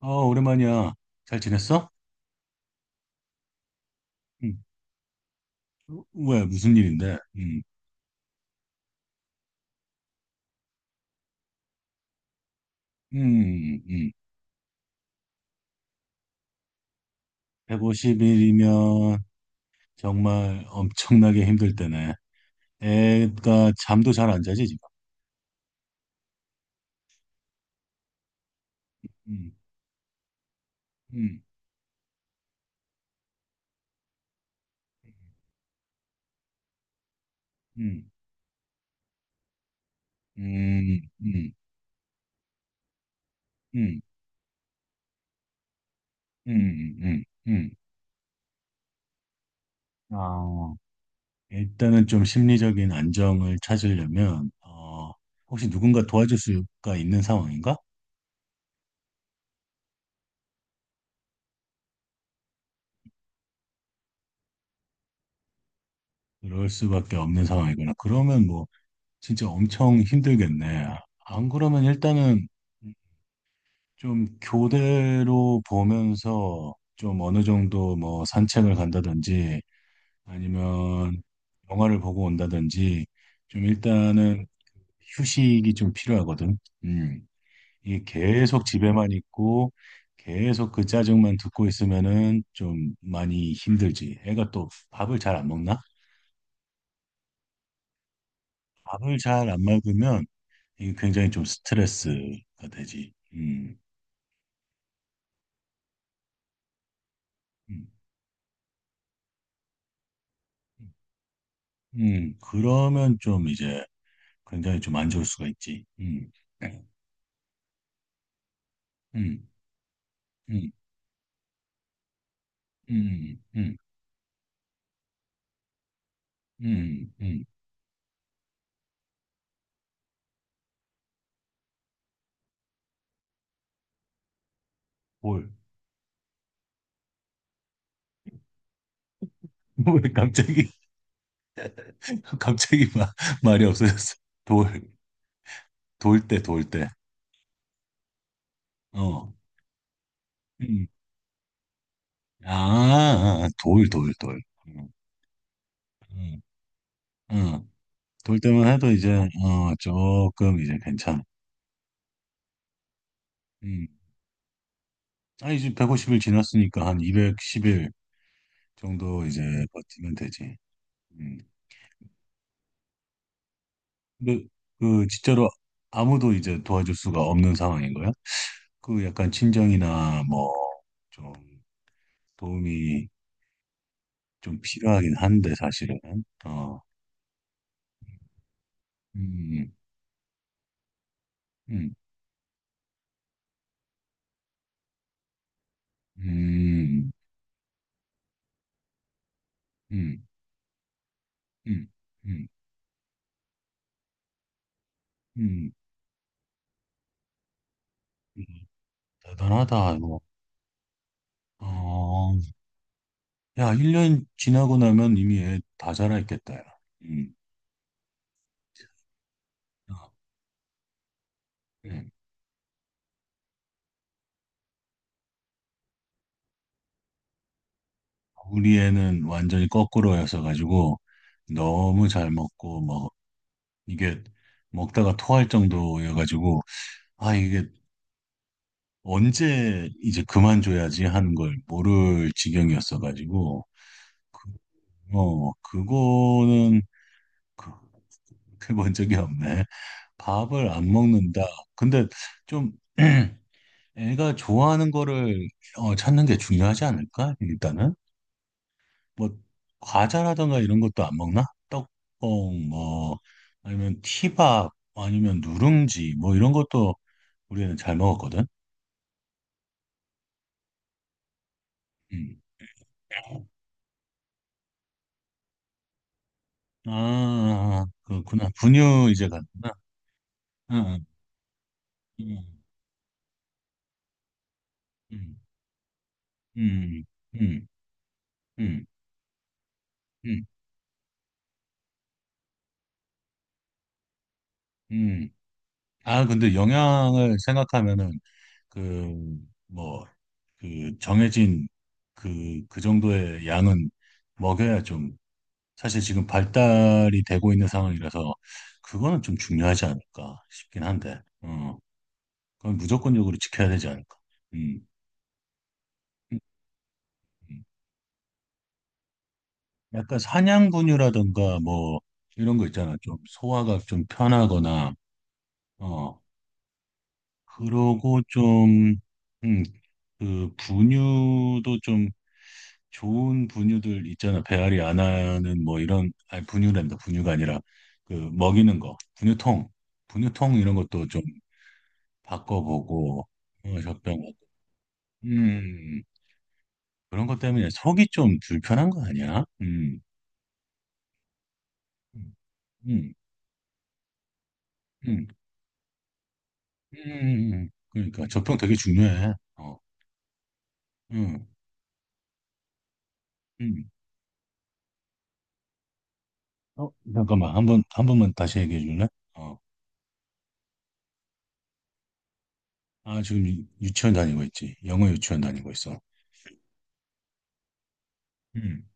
아, 오랜만이야. 잘 지냈어? 응. 왜, 무슨 일인데? 응. 음, 음. 150일이면 정말 엄청나게 힘들 때네. 애가 잠도 잘 안 자지, 지금. 음, 음, 음, 음, 음, 음, 음, 음, 음. 아, 일단은 좀 심리적인 안정을 찾으려면, 혹시 누군가 도와줄 수가 있는 상황인가? 그럴 수밖에 없는 상황이구나. 그러면 뭐, 진짜 엄청 힘들겠네. 안 그러면 일단은 좀 교대로 보면서 좀 어느 정도 뭐 산책을 간다든지 아니면 영화를 보고 온다든지 좀 일단은 휴식이 좀 필요하거든. 음. 이게 계속 집에만 있고 계속 그 짜증만 듣고 있으면은 좀 많이 힘들지. 애가 또 밥을 잘 안 먹나? 밥을 잘 안 먹으면 이게 굉장히 좀 스트레스가 되지. 음. 음, 그러면 좀 이제 굉장히 좀 안 좋을 수가 있지. 네. 음, 음, 음, 음, 음, 음, 돌. 왜 갑자기, 갑자기 마, 말이 없어졌어. 돌, 돌 때, 돌 때. 어, 음, 아, 아, 돌, 돌, 돌. 음, 음, 음. 돌 때만 해도 이제, 조금 이제 괜찮아. 음. 아 이제 백 150일 지났으니까 한 210일 정도 이제 버티면 되지. 음. 근데 그 진짜로 아무도 이제 도와줄 수가 없는 상황인 거야? 그 약간 친정이나 뭐 좀 도움이 좀 필요하긴 한데 사실은 어, 음, 음, 음, 음, 음, 음, 음, 음. 음. 대단하다 이거. 어, 야, 1년 지나고 나면 이미 애 다 자라있겠다. 야. 음, 어, 음. 우리 애는 완전히 거꾸로여서 가지고 너무 잘 먹고 뭐 이게 먹다가 토할 정도여가지고, 아, 이게 언제 이제 그만줘야지 하는 걸 모를 지경이었어가지고, 그, 그거는 그- 그렇게 본 적이 없네. 밥을 안 먹는다. 근데 좀 애가 좋아하는 거를 찾는 게 중요하지 않을까? 일단은. 뭐, 과자라든가 이런 것도 안 먹나? 뭐, 아니면 티밥, 아니면 누룽지, 뭐 이런 것도 우리는 잘 먹었거든. 음. 아, 아, 그렇구나. 분유 이제 갔구나. 응, 응, 응, 응, 응, 응, 응, 응. 아, 근데 영양을 생각하면은 그 뭐 그 정해진 그 정도의 양은 먹여야 좀 사실 지금 발달이 되고 있는 상황이라서 그거는 좀 중요하지 않을까 싶긴 한데, 그건 무조건적으로 지켜야 되지 않을까. 음, 음, 음. 약간 사냥분유라든가 뭐 이런 거 있잖아. 좀 소화가 좀 편하거나 어 그러고 좀 음, 그 분유도 좀 좋은 분유들 있잖아. 배앓이 안 하는 뭐 이런 아니 분유란다. 분유가 아니라 그 먹이는 거 분유통 이런 것도 좀 바꿔보고 어, 젖병 음 그런 것 때문에 속이 좀 불편한 거 아니야? 음, 음. 음. 그러니까 적평 되게 중요해. 어, 음, 음. 어, 잠깐만, 한 번만 다시 얘기해 줄래? 어, 아, 지금 유치원 다니고 있지. 영어 유치원 다니고 있어. 음,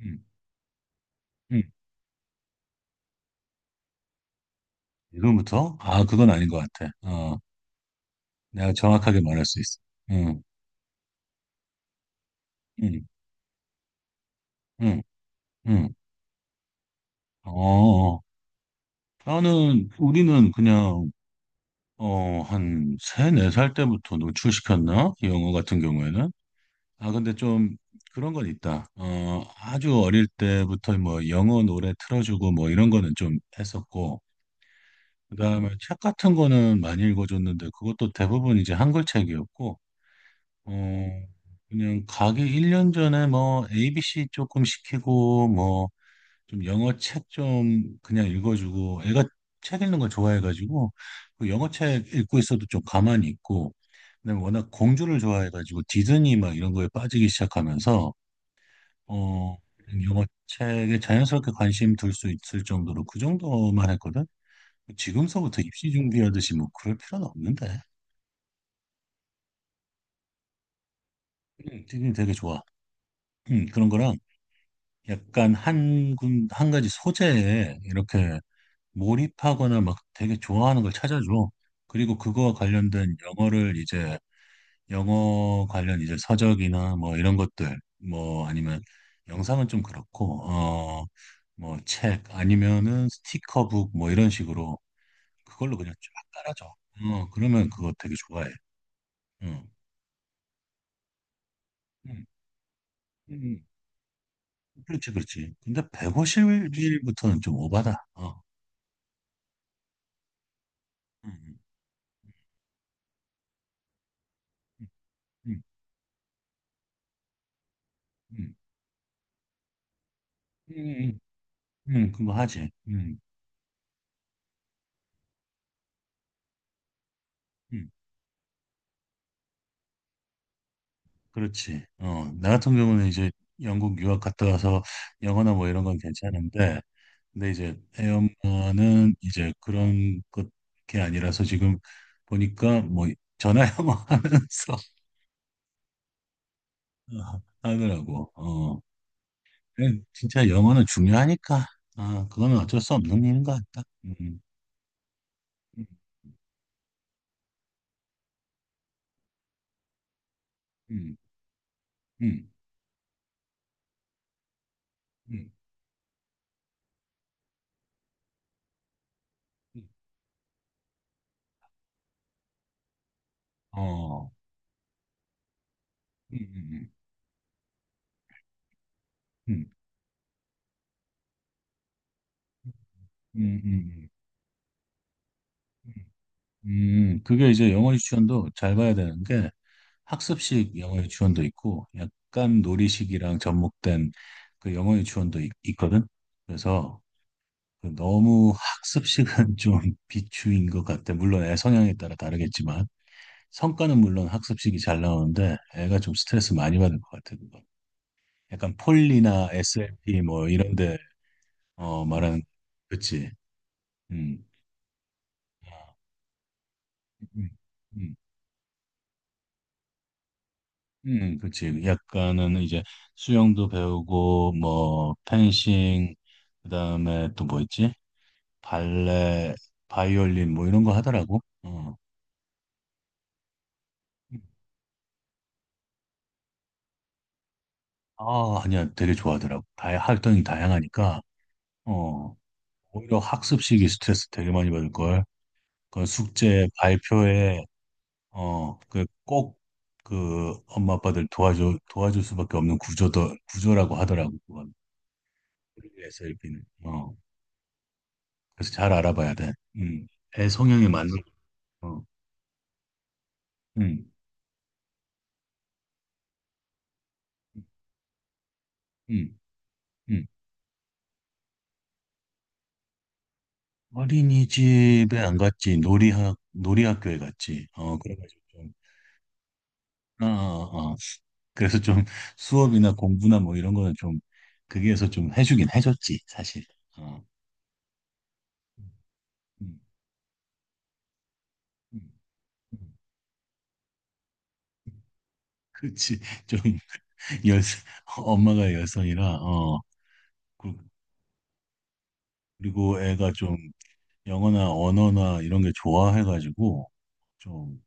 음, 음. 지금부터? 아, 그건 아닌 것 같아. 어, 내가 정확하게 말할 수 있어. 응, 응, 응, 응. 어, 어. 우리는 그냥, 한 세 네 살 때부터 노출시켰나? 영어 같은 경우에는? 아, 근데 좀 그런 건 있다. 어, 아주 어릴 때부터 뭐 영어 노래 틀어주고 뭐 이런 거는 좀 했었고, 그다음에 책 같은 거는 많이 읽어줬는데 그것도 대부분 이제 한글 책이었고, 어, 그냥 가기 1년 전에 뭐 ABC 조금 시키고 뭐 좀 영어 책 좀 그냥 읽어주고 애가 책 읽는 거 좋아해가지고 그 영어 책 읽고 있어도 좀 가만히 있고, 그다음에 워낙 공주를 좋아해가지고 디즈니 막 이런 거에 빠지기 시작하면서 어, 영어책에 자연스럽게 관심 둘 수 있을 정도로 그 정도만 했거든? 지금서부터 입시 준비하듯이 뭐 그럴 필요는 없는데. 되게 되게 좋아. 그런 거랑 약간 한 가지 소재에 이렇게 몰입하거나 막 되게 좋아하는 걸 찾아줘. 그리고 그거와 관련된 영어를 이제 영어 관련 이제 서적이나 뭐 이런 것들 뭐 아니면 영상은 좀 그렇고 어, 뭐 책 아니면은 스티커북 뭐 이런 식으로 그걸로 그냥 쫙 깔아줘. 어, 그러면 그거 되게 좋아해. 어. 음, 음, 그렇지, 그렇지. 근데 150일부터는 좀 오바다. 어. 음, 음, 음, 음, 음, 그거 하지. 음, 그렇지. 어, 나 같은 경우는 이제 영국 유학 갔다 와서 영어나 뭐 이런 건 괜찮은데, 근데 이제 애 엄마는 이제 그런 것 게 아니라서 지금 보니까 뭐 전화 영어 하면서 하느라고. 어. 그래, 진짜 영어는 중요하니까. 아, 그거는 어쩔 수 없는 일인 것 같다. 음, 음, 음, 음, 음. 어, 음, 음, 음, 음, 음, 음. 음, 그게 이제 영어 유치원도 잘 봐야 되는 게 학습식 영어 유치원도 있고 약간 놀이식이랑 접목된 그 영어 유치원도 있거든. 그래서 그 너무 학습식은 좀 비추인 것 같아. 물론 애 성향에 따라 다르겠지만. 성과는 물론 학습식이 잘 나오는데 애가 좀 스트레스 많이 받을 것 같아 그거. 약간 폴리나 SLP 뭐 이런데 어 말하는 그치. 음. 아, 음. 음. 그치. 약간은 이제 수영도 배우고 뭐 펜싱 그다음에 또 뭐 있지? 발레, 바이올린 뭐 이런 거 하더라고. 어. 아, 아니야. 되게 좋아하더라고. 다 활동이 다양하니까 어. 오히려 학습식이 스트레스 되게 많이 받을 걸. 그 숙제 발표에 어 그 꼭 그 엄마 아빠들 도와줘 도와줄 수밖에 없는 구조도 구조라고 하더라고 그건 SLP는 어 그래서 잘 알아봐야 돼. 음. 애 성향에 맞는 거. 어. 음. 음. 음. 어린이집에 안 갔지 놀이학교에 갔지. 어 그래가지고 좀 어, 어, 어. 그래서 좀 수업이나 공부나 뭐 이런 거는 좀 거기에서 좀 해주긴 해줬지 사실. 어. 음, 음, 음. 음. 그렇지. 좀 여, 엄마가 여성이라 어 그- 그리고 애가 좀 영어나 언어나 이런 게 좋아해가지고 좀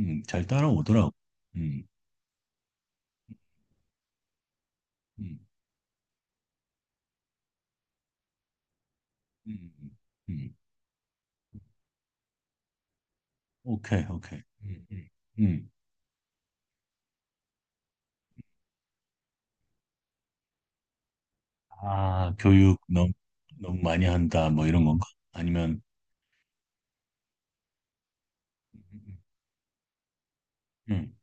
잘 따라오더라고. 음, 음, 음, 음. 음. 오케이, 오케이. 음. 아, 교육 너무 너무 많이 한다 뭐 이런 건가? 아니면 음, 음.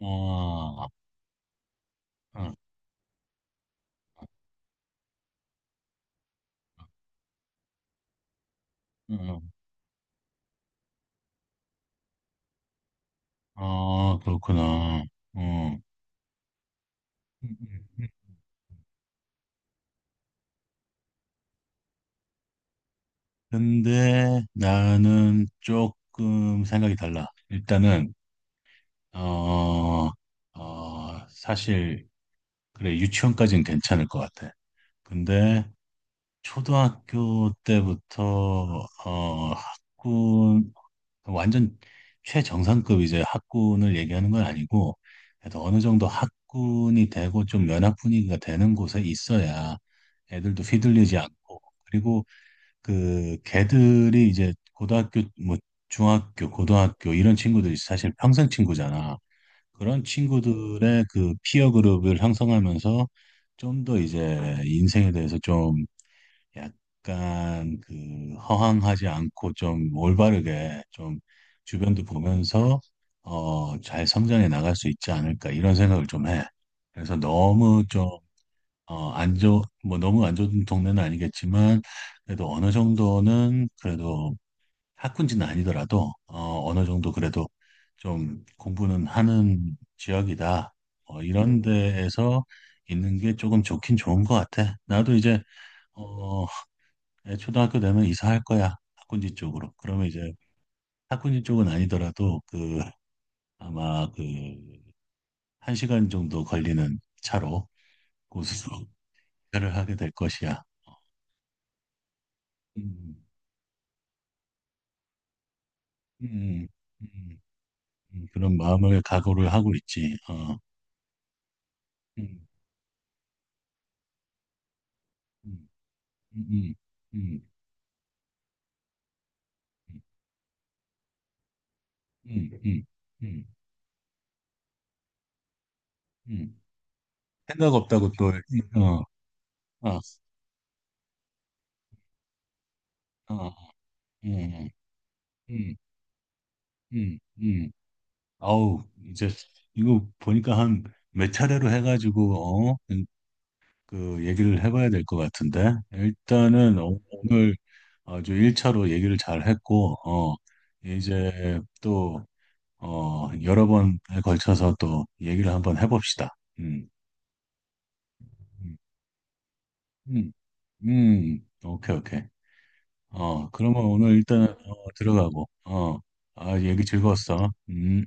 아, 아, 아, 아, 그렇구나. 어. 음, 음. 근데 나는 조금 생각이 달라. 일단은 어, 어, 사실 그래 유치원까지는 괜찮을 것 같아. 근데 초등학교 때부터 어, 학군 완전 최정상급 이제 학군을 얘기하는 건 아니고 그래도 어느 정도 학군이 되고 좀 연합 분위기가 되는 곳에 있어야 애들도 휘둘리지 않고 그리고 그 걔들이 이제 고등학교 뭐 중학교 고등학교 이런 친구들이 사실 평생 친구잖아. 그런 친구들의 그 피어 그룹을 형성하면서 좀 더 이제 인생에 대해서 좀 약간 그 허황하지 않고 좀 올바르게 좀 주변도 보면서 어 잘 성장해 나갈 수 있지 않을까 이런 생각을 좀 해. 그래서 너무 좀 어, 안 좋, 뭐 너무 안 좋은 동네는 아니겠지만, 그래도 어느 정도는 그래도 학군지는 아니더라도, 어, 어느 정도 그래도 좀 공부는 하는 지역이다. 어, 이런 데에서 있는 게 조금 좋긴 좋은 것 같아. 나도 이제, 어, 애 초등학교 되면 이사할 거야. 학군지 쪽으로. 그러면 이제 학군지 쪽은 아니더라도 그, 아마 그, 한 시간 정도 걸리는 차로 고속도로를 하게 될 것이야. 음. 음, 음, 음, 그런 마음을 각오를 하고 있지. 어. 음, 음, 음, 음, 음, 음, 음, 음, 음. 음. 생각 없다고 또, 어, 어, 어, 어, 음, 음, 음, 음. 아우, 이제 이거 보니까 한 몇 차례로 해가지고, 어, 그 얘기를 해봐야 될 것 같은데. 일단은 오늘 아주 1차로 얘기를 잘 했고, 어, 이제 또 어, 여러 번에 걸쳐서 또 얘기를 한번 해봅시다. 음, 음, 오케이, 오케이. 어, 그러면 오늘 일단 어, 들어가고, 어, 아, 얘기 즐거웠어. 음.